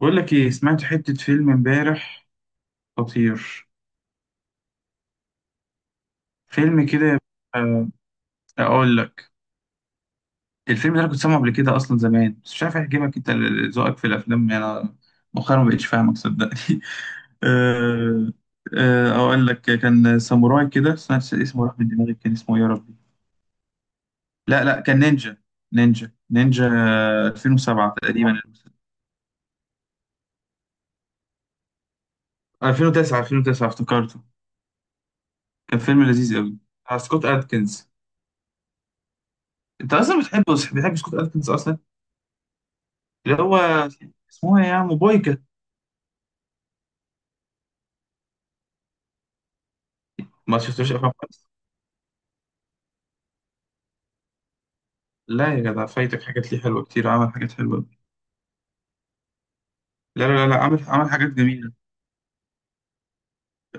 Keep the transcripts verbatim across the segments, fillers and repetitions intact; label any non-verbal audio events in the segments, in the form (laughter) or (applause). بقول لك ايه؟ سمعت حتة فيلم امبارح خطير. فيلم كده. آه، اقول لك، الفيلم ده انا كنت سامعه قبل كده اصلا زمان، بس مش عارف اعجبك انت، ال- ذوقك في الافلام. يعني انا مؤخرا ما بقتش فاهمك صدقني. (laughs) آه، آه، اقول لك، كان ساموراي كده، بس أنا اسمه راح من دماغي. كان اسمه إيه يا ربي؟ لا لا، كان نينجا. نينجا نينجا. ألفين وسبعة تقريبا. الفين وتسعه، الفين وتسعه افتكرته. كان فيلم لذيذ قوي، بتاع سكوت ادكنز. انت اصلا بتحب، بتحب سكوت ادكنز اصلا. اللي هو اسمها ايه يا عم؟ بويكا. ما شفتوش افلام خالص؟ لا يا جدع، فايتك حاجات ليه حلوه كتير، عمل حاجات حلوه أوي. لا لا لا لا، عمل عمل حاجات جميله.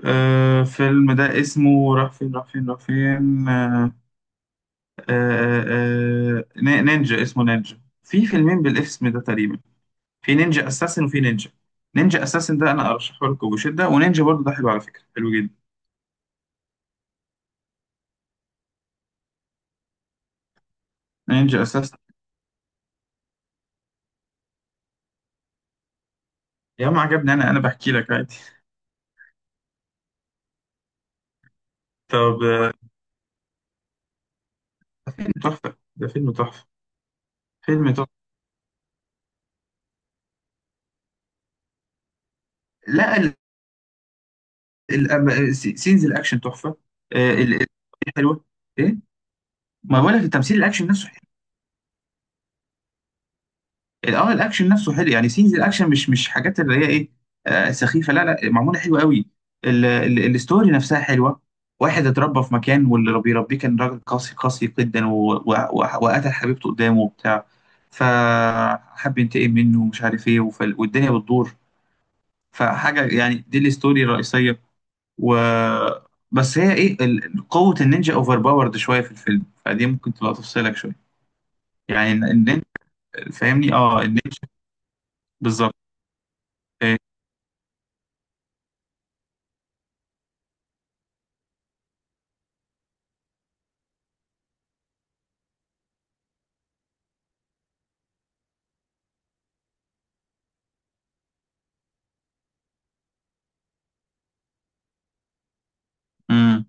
آه، فيلم ده اسمه راح فين، راح فين، راح فين. آه، آه آه، ن- نينجا، اسمه نينجا. في فيلمين بالاسم ده تقريبا. في نينجا اساسن وفي نينجا. نينجا اساسن ده انا ارشحه لكم بشده، ونينجا برضه ده حلو على فكره، حلو جدا. نينجا اساسن. يا عم عجبني، انا انا بحكي لك عادي. (laughs) طب آه، فيلم تحفه، ده فيلم تحفه. فيلم تحفه. لا، ال- س- سينز الاكشن تحفه. آه، ال- ال- حلوه. ايه؟ ما بقول لك، التمثيل الاكشن نفسه حلو. ال- اه الاكشن نفسه حلو، يعني سينز الاكشن مش مش حاجات اللي هي ايه، آه، سخيفه. لا لا، معموله حلوه قوي. ال- ال- الستوري نفسها حلوه. واحد اتربى في مكان، واللي بيربيه كان راجل قاسي، قاسي جدا، و- و- و- وقتل حبيبته قدامه وبتاع، فحب ينتقم منه ومش عارف ايه، وف- والدنيا بتدور. فحاجه، يعني دي الستوري الرئيسيه. و بس هي ايه، ال- قوة النينجا اوفر باورد شوية في الفيلم، فدي ممكن تبقى تفصلك شوية. يعني الن- النينجا، فاهمني؟ اه النينجا. بالظبط. إيه؟ امم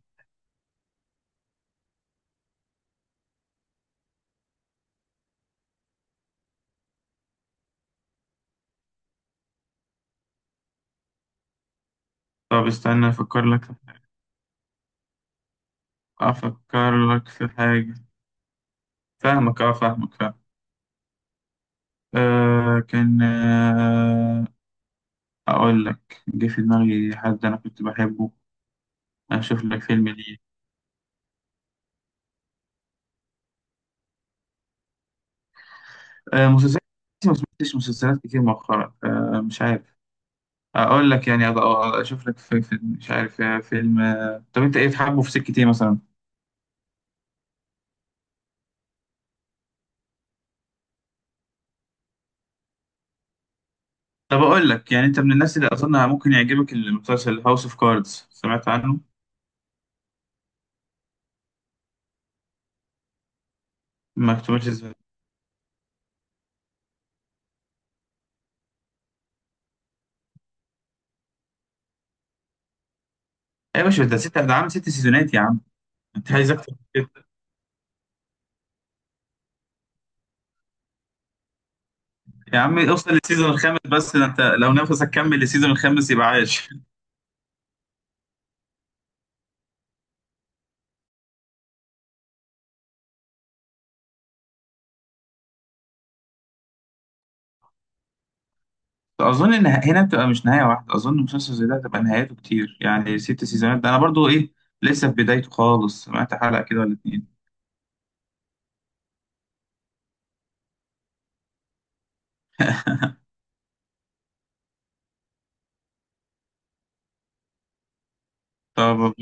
طب استنى افكر لك. افكر لك في حاجة. فاهمك، اه فاهمك، فاهم. آه كان آه، اقول لك، جه في دماغي حد انا كنت بحبه. اشوف لك فيلم ليه. آه مسلسلات، ما سمعتش مسلسلات كتير مؤخرا، آه مش عارف. اقول لك يعني أض- أض- اشوف لك في, في مش عارف، آه، فيلم. آه، طب انت ايه بتحبه؟ في سكة ايه مثلا؟ طب اقول لك، يعني انت من الناس اللي اظن ممكن يعجبك المسلسل هاوس اوف كاردز. سمعت عنه؟ ما كتبتش ازاي؟ ايوه. يا باشا ده ست، ده عامل ست سيزونات يا عم. انت عايز اكتر من كده؟ يا عم اوصل للسيزون الخامس بس، ده انت لو نفسك كمل للسيزون الخامس يبقى عايش. (laughs) اظن ان هنا بتبقى مش نهايه واحده، اظن مسلسل زي ده هتبقى نهايته كتير، يعني ست سيزونات. ده انا برضو ايه، لسه في بدايته خالص، سمعت حلقه كده ولا اتنين. طب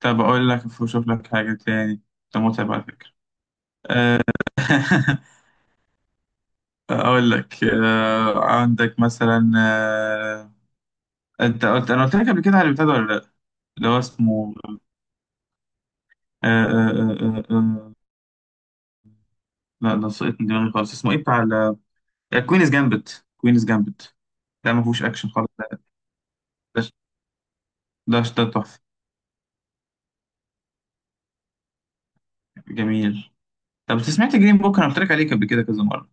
طب أقول لك، أشوف لك حاجة تاني. ده متعب على فكرة. (laughs) أقول لك آه، عندك مثلا، آه، أنت قلت، أنا قلت لك قبل كده على البتاع ده ولا لأ؟ اللي هو اسمه، آه، آه، آه، آه، آه، لا، ده سقط من دماغي خالص. اسمه إيه بتاع؟ كوينز جامبت، كوينز جامبت. ده ما فيهوش أكشن خالص ده. ده ده ده تحفة. جميل. طب أنت سمعت جرين بوك؟ أنا قلت لك عليه قبل كده كذا مرة.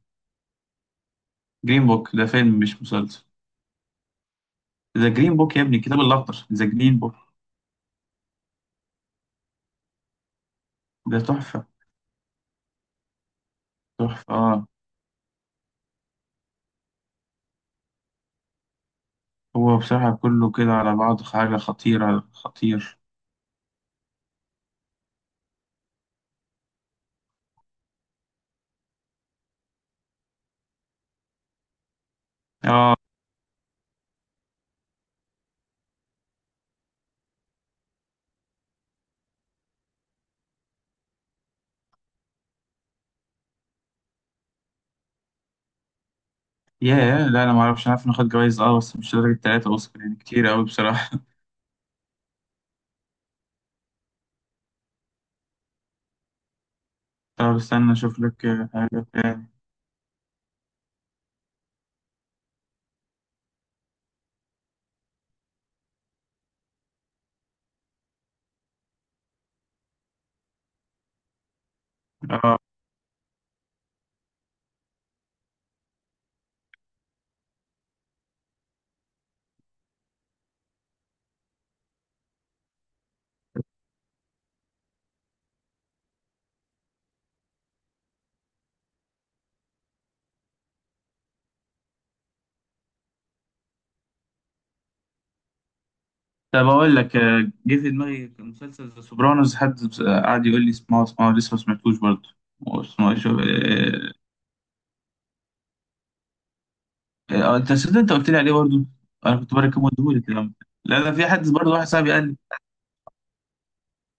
جرين بوك، ده فيلم مش مسلسل. ذا جرين بوك، يا ابني الكتاب الأخضر، ذا جرين بوك. ده تحفة. تحفة آه. هو بصراحة كله كده على بعض حاجة خطيرة، خطير. اه ياه، لا انا ما اعرفش، عارف ناخد جوائز اه، بس مش درجة تلاتة اوسكار، يعني كتير قوي بصراحة. (laughs) طب استنى اشوف لك آه، حاجة تاني. اه طب اقول لك، آه، جه في دماغي مسلسل ذا سوبرانوز. حد بس- آه، قعد يقول لي اسمعه اسمعه، لسه ما سمعتوش برضه. اسمه شوف اه. آه، انت صدق، انت قلت لي عليه برضه. انا كنت بركبه لك كده. لا لا، في حد برضه واحد صاحبي قال لي.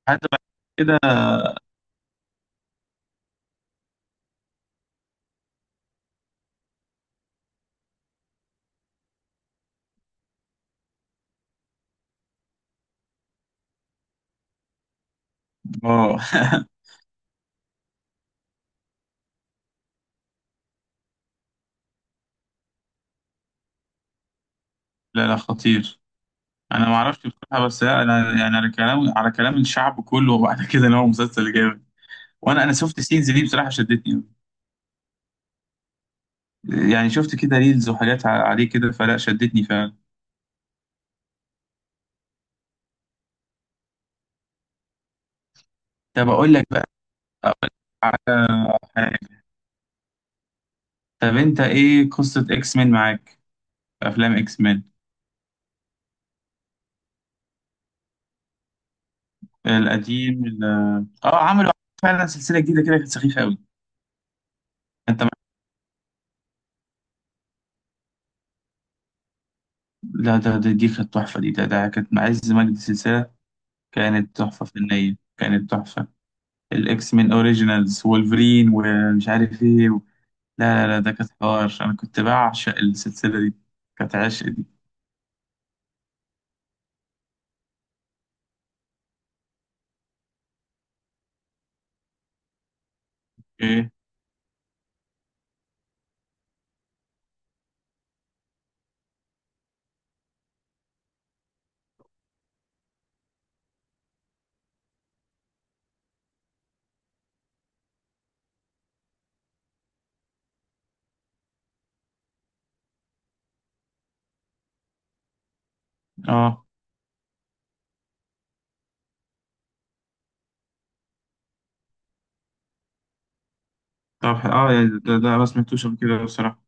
حد بعد كده. اه (laughs) لا لا خطير. انا ما اعرفش بصراحه، بس انا يعني على كلام، على كلام الشعب كله وبعد كده ان هو مسلسل جامد. وانا انا شفت سينز دي بصراحه شدتني أوي. يعني شفت كده ريلز وحاجات ع- عليه كده فلا، شدتني فعلا. طب اقول لك بقى، أقول لك على حاجه. طب انت ايه قصه اكس مان معاك؟ افلام اكس مان. القديم ال- اه عملوا فعلا سلسله جديده كده كانت سخيفه قوي. انت مع- لا ده ده- دي كانت تحفه. دي ده, ده كانت مع عز مجد سلسله، كانت تحفه فنيه، كانت تحفه. الاكس مان اوريجينالز، وولفرين ومش عارف ايه و... لا لا لا، ده كانت حوار. انا كنت بعشق السلسله دي، كانت عشق دي. ايه؟ اه طب اه، يعني ده, ده ما سمعتوش قبل كده بصراحه.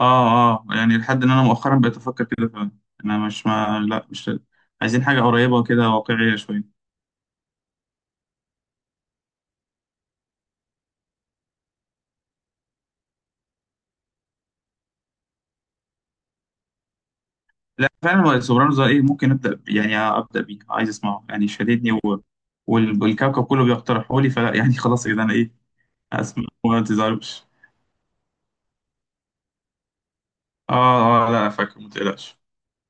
اه اه، يعني لحد ان انا مؤخرا بقيت افكر كده فعلا. انا مش ما لا مش، عايزين حاجه قريبه كده واقعيه شويه. لا فعلا سوبرانوس ده ايه، ممكن ابدا ب- يعني ابدا بيه، عايز اسمعه يعني شددني و... وال- والكوكب كله بيقترحوا لي، فلا يعني خلاص كده انا ايه، اسمع وما تزعلوش. اه اه لا فاكر، ما تقلقش.